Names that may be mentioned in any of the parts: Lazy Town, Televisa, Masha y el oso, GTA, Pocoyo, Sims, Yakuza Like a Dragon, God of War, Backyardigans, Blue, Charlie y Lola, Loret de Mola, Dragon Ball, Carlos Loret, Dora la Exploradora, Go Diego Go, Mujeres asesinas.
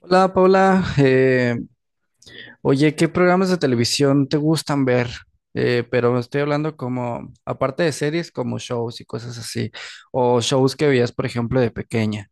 Hola Paula, oye, ¿qué programas de televisión te gustan ver? Pero estoy hablando como, aparte de series, como shows y cosas así, o shows que veías, por ejemplo, de pequeña.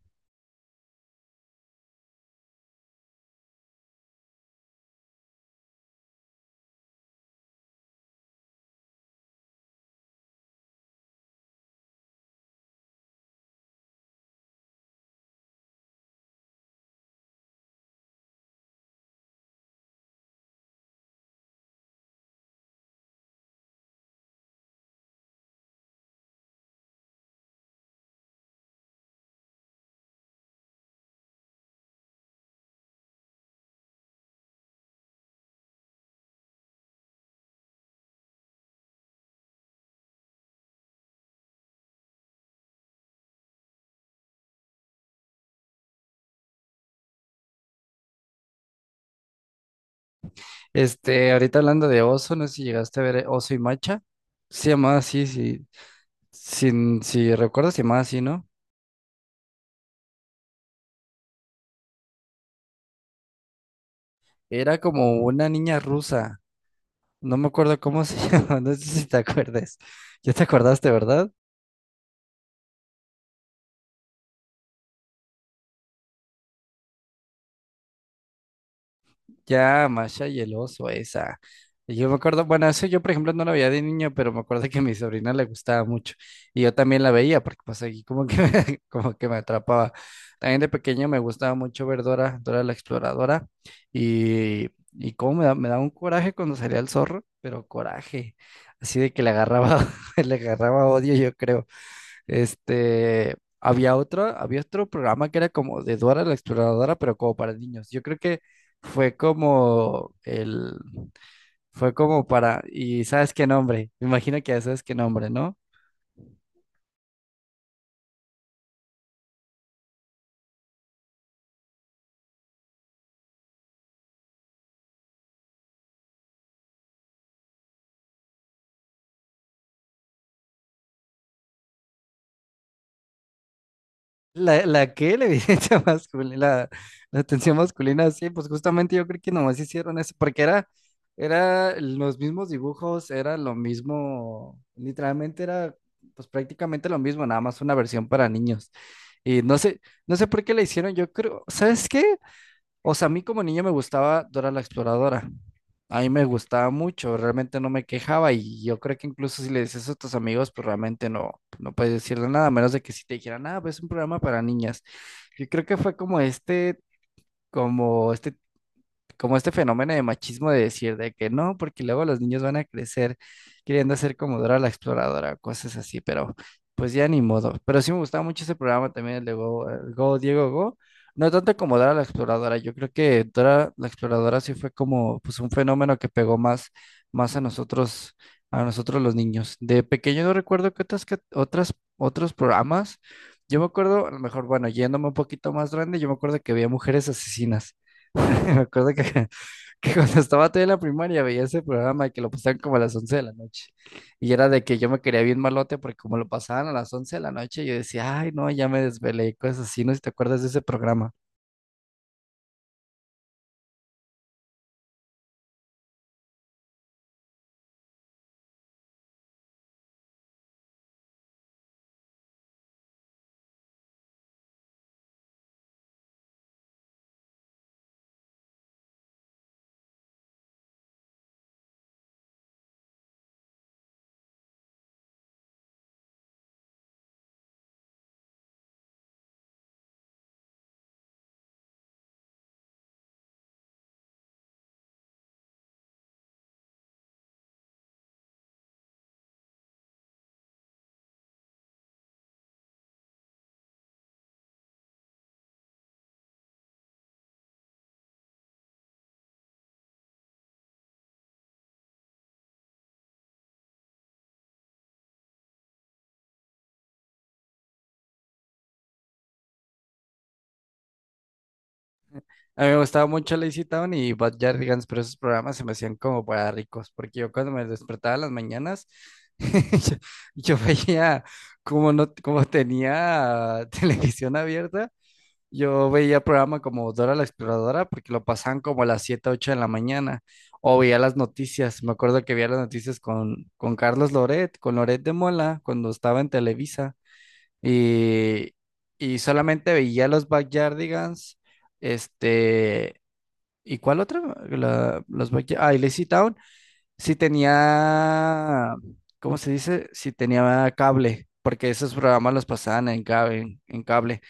Ahorita hablando de Oso, no sé si llegaste a ver Oso y Macha. Se llamaba así, sí, sin, si recuerdas, se llamaba así, ¿no? Era como una niña rusa, no me acuerdo cómo se llamaba, no sé si te acuerdas. Ya te acordaste, ¿verdad? Ya, Masha y el oso, esa. Y yo me acuerdo, bueno, eso yo por ejemplo no la veía de niño, pero me acuerdo que a mi sobrina le gustaba mucho, y yo también la veía porque pues aquí como que me, como que me atrapaba. También de pequeño me gustaba mucho ver Dora, Dora la Exploradora, y cómo me daba un coraje cuando salía el zorro, pero coraje, así de que le agarraba, le agarraba odio yo creo. Había otro programa que era como de Dora la Exploradora, pero como para niños. Yo creo que fue como el, fue como para, y sabes qué nombre, me imagino que ya sabes qué nombre, ¿no? La que la evidencia masculina, la atención masculina, sí, pues justamente yo creo que nomás hicieron eso, porque era los mismos dibujos, era lo mismo, literalmente era pues prácticamente lo mismo, nada más una versión para niños. Y no sé por qué la hicieron, yo creo, ¿sabes qué? O sea, a mí como niño me gustaba Dora la Exploradora. A mí me gustaba mucho, realmente no me quejaba, y yo creo que incluso si le dices eso a tus amigos, pues realmente no puedes decirle nada, a menos de que si te dijeran, ah, pues es un programa para niñas. Yo creo que fue como este como este fenómeno de machismo de decir de que no, porque luego los niños van a crecer queriendo ser como Dora la Exploradora, cosas así, pero pues ya ni modo. Pero sí me gustaba mucho ese programa también, el de Go, Diego Go. No tanto como Dora la Exploradora, yo creo que Dora la Exploradora sí fue como pues un fenómeno que pegó más a nosotros los niños. De pequeño no recuerdo otros programas. Yo me acuerdo, a lo mejor, bueno, yéndome un poquito más grande, yo me acuerdo que había mujeres asesinas. Me acuerdo que, que cuando estaba todavía en la primaria veía ese programa que lo pasaban como a las 11 de la noche. Y era de que yo me quería bien malote porque como lo pasaban a las 11 de la noche, yo decía, ay, no, ya me desvelé, cosas así, no sé si te acuerdas de ese programa. A mí me gustaba mucho Lazy Town y Bad Yardigans, pero esos programas se me hacían como para ricos, porque yo cuando me despertaba en las mañanas, yo, yo veía como no, como tenía televisión abierta. Yo veía programa como Dora la Exploradora porque lo pasaban como a las 7 u 8 de la mañana. O veía las noticias. Me acuerdo que veía las noticias con Carlos Loret, con Loret de Mola, cuando estaba en Televisa. Y, y solamente veía los Backyardigans. Este. ¿Y cuál otra? Ah, y Lazy Town. Sí tenía. ¿Cómo se dice? Sí tenía cable. Porque esos programas los pasaban en cable.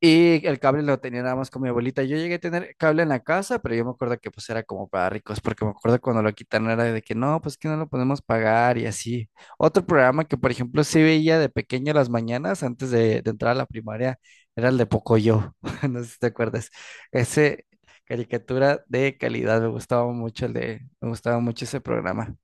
Y el cable lo tenía nada más con mi abuelita. Yo llegué a tener cable en la casa, pero yo me acuerdo que pues era como para ricos, porque me acuerdo cuando lo quitaron era de que no, pues que no lo podemos pagar y así. Otro programa que por ejemplo sí veía de pequeño las mañanas antes de entrar a la primaria era el de Pocoyo, no sé si te acuerdas. Ese caricatura de calidad, me gustaba mucho me gustaba mucho ese programa.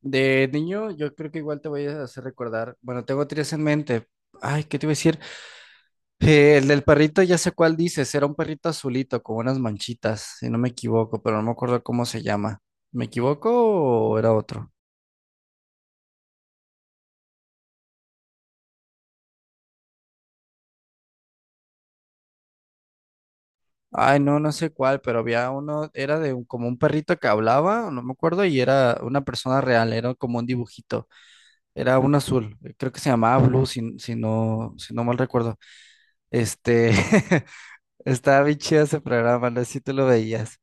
De niño, yo creo que igual te voy a hacer recordar, bueno, tengo tres en mente. Ay, ¿qué te iba a decir? El del perrito, ya sé cuál dices, era un perrito azulito con unas manchitas, si no me equivoco, pero no me acuerdo cómo se llama. ¿Me equivoco o era otro? Ay, no, no sé cuál, pero había uno, era de como un perrito que hablaba, no me acuerdo, y era una persona real, era como un dibujito, era un azul, creo que se llamaba Blue, si no mal recuerdo. Este, Estaba bien chido ese programa, no sé si tú lo veías.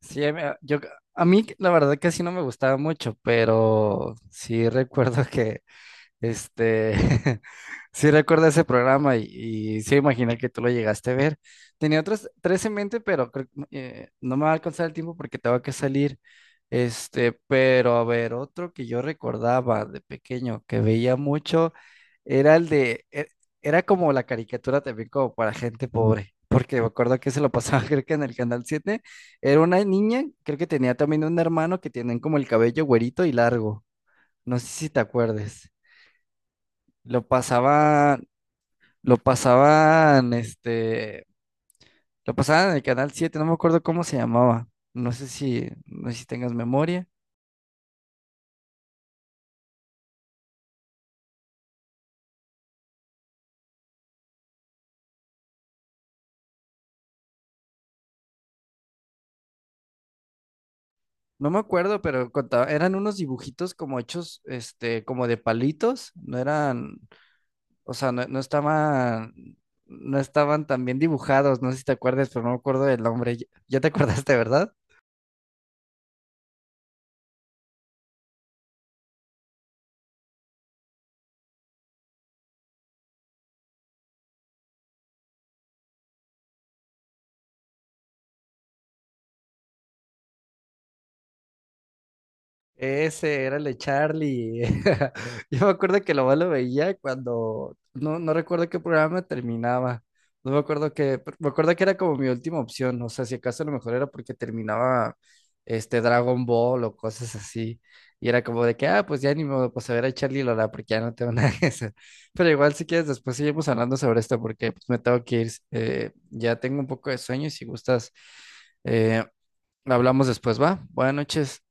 Sí, a mí la verdad que sí no me gustaba mucho, pero sí recuerdo que este, sí recuerdo ese programa, y sí imaginé que tú lo llegaste a ver. Tenía otros tres en mente, pero creo que, no me va a alcanzar el tiempo porque tengo que salir. Pero a ver, otro que yo recordaba de pequeño que veía mucho era era como la caricatura también como para gente pobre, porque me acuerdo que se lo pasaba creo que en el Canal 7. Era una niña, creo que tenía también un hermano que tienen como el cabello güerito y largo, no sé si te acuerdes. Lo pasaban, lo pasaban, este, lo pasaban en el canal 7, no me acuerdo cómo se llamaba. No sé si tengas memoria. No me acuerdo, pero eran unos dibujitos como hechos, como de palitos. No eran, o sea, no estaban tan bien dibujados. No sé si te acuerdas, pero no me acuerdo del nombre. Ya te acordaste, ¿verdad? Ese era el de Charlie. Yo me acuerdo que lo más lo veía cuando no recuerdo qué programa terminaba. No me acuerdo que, Me acuerdo que era como mi última opción. O sea, si acaso a lo mejor era porque terminaba Dragon Ball o cosas así. Y era como de que, ah, pues ya ni modo, pues a ver a Charlie y Lola, porque ya no tengo nada que hacer. Pero igual, si quieres, después seguimos hablando sobre esto, porque pues, me tengo que ir. Ya tengo un poco de sueño, y si gustas, eh, hablamos después, ¿va? Buenas noches.